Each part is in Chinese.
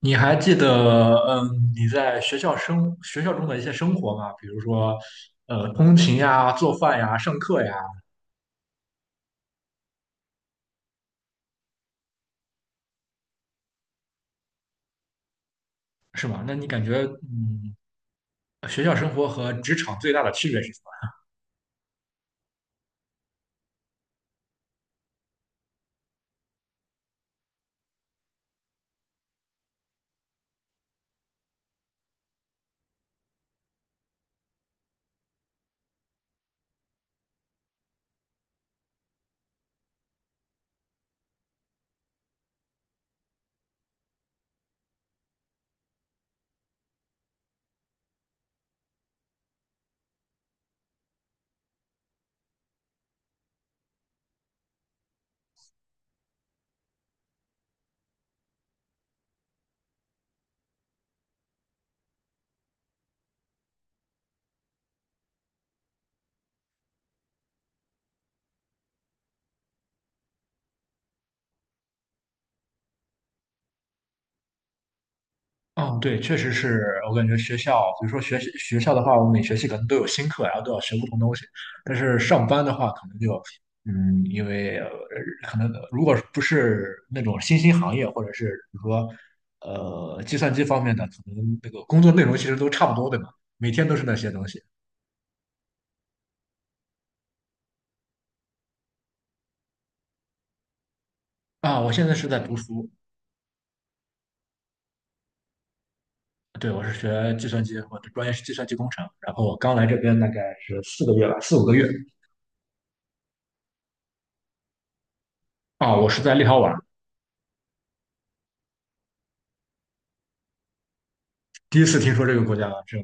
你还记得，你在学校中的一些生活吗？比如说，通勤呀、做饭呀、上课呀，是吧？那你感觉，学校生活和职场最大的区别是什么？嗯，对，确实是我感觉学校，比如说学校的话，我每学期可能都有新课，然后都要学不同东西。但是上班的话，可能就，因为可能如果不是那种新兴行业，或者是比如说，计算机方面的，可能那个工作内容其实都差不多，对吧？每天都是那些东西。啊，我现在是在读书，对，我是学计算机，我的专业是计算机工程，然后我刚来这边大概是4个月吧，4、5个月。啊，我是在立陶宛，第一次听说这个国家，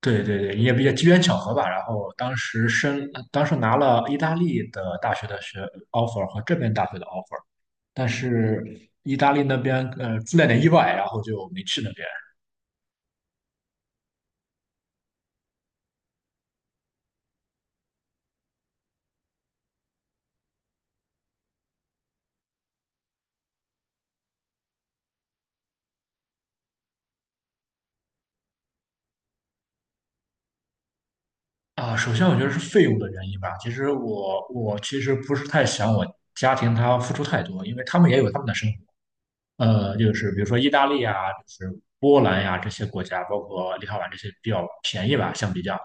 对对对，也比较机缘巧合吧。然后当时拿了意大利的大学的offer 和这边大学的 offer，但是意大利那边出了点意外，然后就没去那边啊。首先我觉得是费用的原因吧。其实我其实不是太想我家庭他付出太多，因为他们也有他们的生活。就是比如说意大利啊，就是波兰呀、这些国家，包括立陶宛这些比较便宜吧，相比较。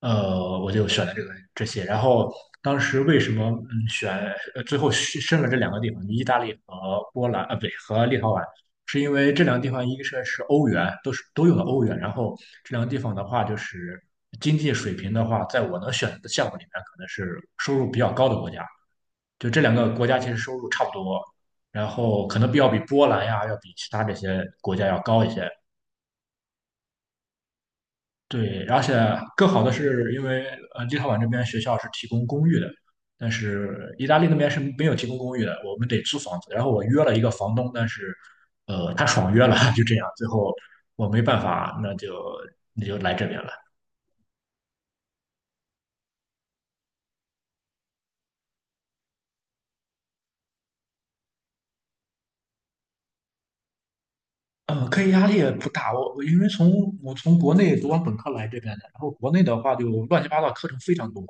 我就选了这些。然后当时为什么选最后是申了这两个地方，意大利和波兰啊，不对，和立陶宛，是因为这两个地方一个是欧元，都用的欧元。然后这两个地方的话，就是经济水平的话，在我能选择的项目里面，可能是收入比较高的国家。就这两个国家其实收入差不多，然后可能要比波兰呀，要比其他这些国家要高一些。对，而且更好的是，因为立陶宛这边学校是提供公寓的，但是意大利那边是没有提供公寓的，我们得租房子。然后我约了一个房东，但是他爽约了，就这样，最后我没办法，那就来这边了。课业压力也不大，我因为我从国内读完本科来这边的，然后国内的话就乱七八糟课程非常多，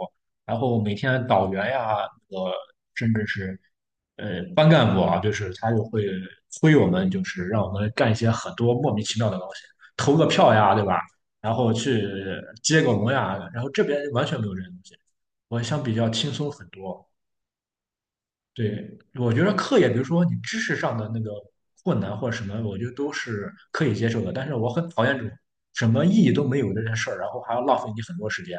然后每天导员呀，呃，甚至是班干部啊，就是他就会催我们，就是让我们干一些很多莫名其妙的东西，投个票呀，对吧？然后去接个龙呀，然后这边完全没有这些东西，我相比较轻松很多。对，我觉得课业，比如说你知识上的那个困难或者什么，我觉得都是可以接受的。但是我很讨厌这种什么意义都没有的这件事儿，然后还要浪费你很多时间。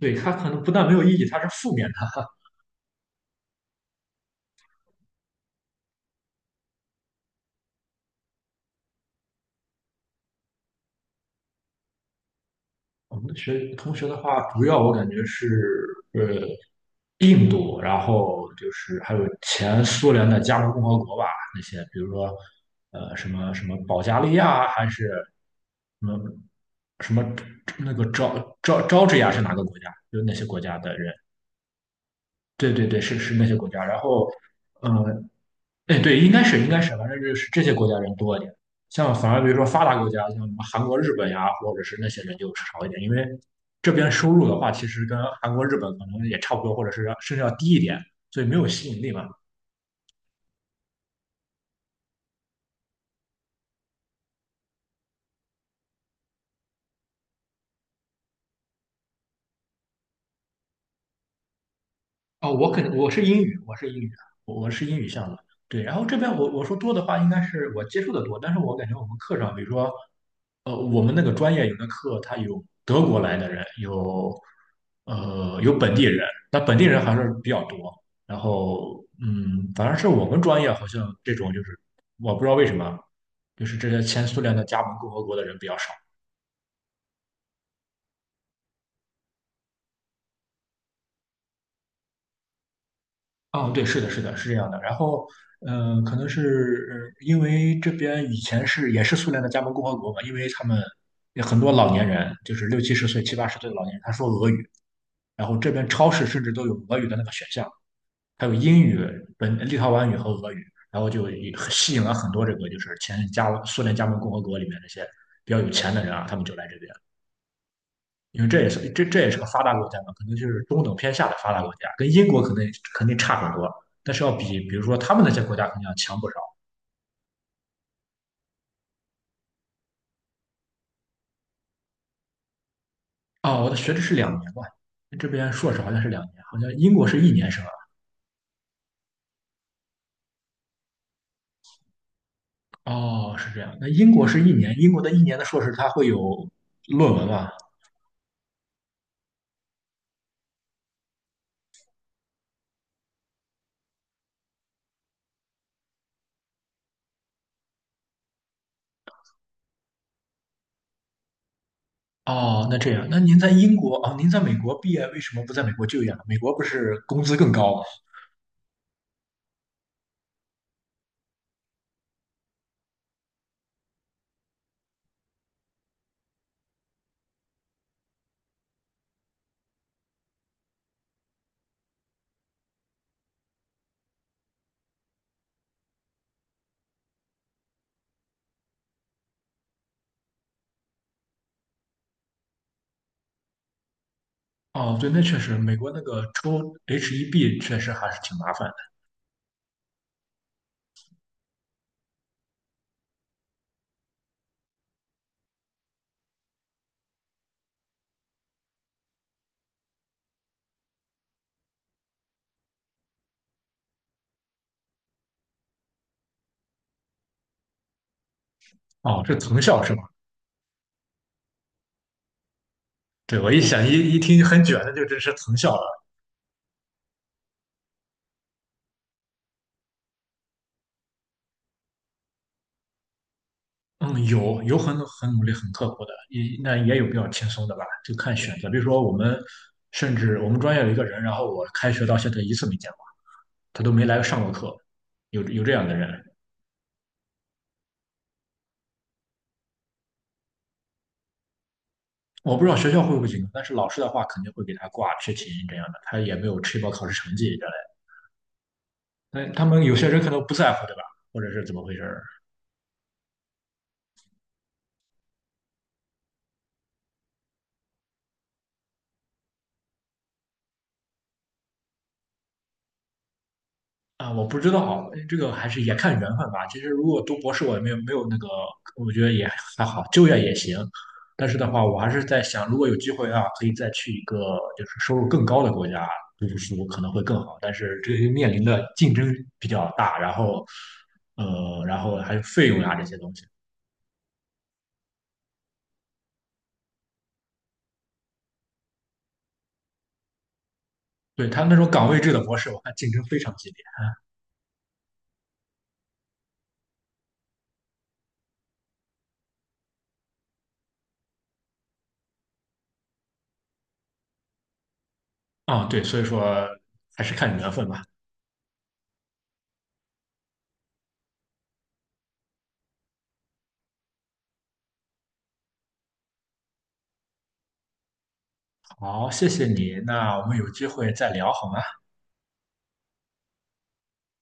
对，它可能不但没有意义，它是负面的。我们同学的话，主要我感觉是呃印度，然后就是还有前苏联的加盟共和国吧，那些比如说什么什么保加利亚还是什么什么那个乔治亚是哪个国家？就是那些国家的人，对对对，是那些国家。然后呃哎，对，应该是，反正就是这些国家人多一点。像反而比如说发达国家，像什么韩国、日本呀，或者是那些人就少一点，因为这边收入的话，其实跟韩国、日本可能也差不多，或者是甚至要低一点，所以没有吸引力嘛。哦，我是英语，我是英语项目。对，然后这边我说多的话，应该是我接触的多，但是我感觉我们课上，比如说我们那个专业有的课，它有德国来的人，有本地人，但本地人还是比较多。然后，反正是我们专业好像这种就是，我不知道为什么，就是这些前苏联的加盟共和国的人比较少。哦，对，是的，是的，是这样的。然后，可能是因为这边以前也是苏联的加盟共和国嘛，因为他们有很多老年人，就是六七十岁、七八十岁的老年人，他说俄语，然后这边超市甚至都有俄语的那个选项。还有英语、立陶宛语和俄语，然后就也吸引了很多这个就是前苏联加盟共和国里面那些比较有钱的人啊，他们就来这边，因为这也是个发达国家嘛，可能就是中等偏下的发达国家，跟英国可能肯定差很多，但是要比比如说他们那些国家肯定要强不少。哦，我的学制是两年吧，这边硕士好像是两年，好像英国是一年是吧？哦，是这样。那英国是一年，英国的一年的硕士它会有论文吗？哦，那这样，那您在英国哦，您在美国毕业，为什么不在美国就业呢？美国不是工资更高吗？哦，对，那确实，美国那个抽 H1B 确实还是挺麻烦的。哦，这藤校是吗？对，我一想一一听很卷的，就这是藤校了。嗯，有很努力、很刻苦的，那也有比较轻松的吧，就看选择。比如说我们，甚至我们专业有一个人，然后我开学到现在一次没见过，他都没来上过课，有这样的人。我不知道学校会不会警告，但是老师的话肯定会给他挂缺勤这样的，他也没有吃饱考试成绩之类的。但他们有些人可能不在乎，对吧？或者是怎么回事儿啊？我不知道，这个还是也看缘分吧。其实如果读博士，我也没有那个，我觉得也还好，就业也行。但是的话，我还是在想，如果有机会啊，可以再去一个就是收入更高的国家读书可能会更好。但是这个面临的竞争比较大，然后然后还有费用啊这些东西。对，他那种岗位制的模式，我看竞争非常激烈啊，对，所以说还是看缘分吧。好，谢谢你，那我们有机会再聊好吗？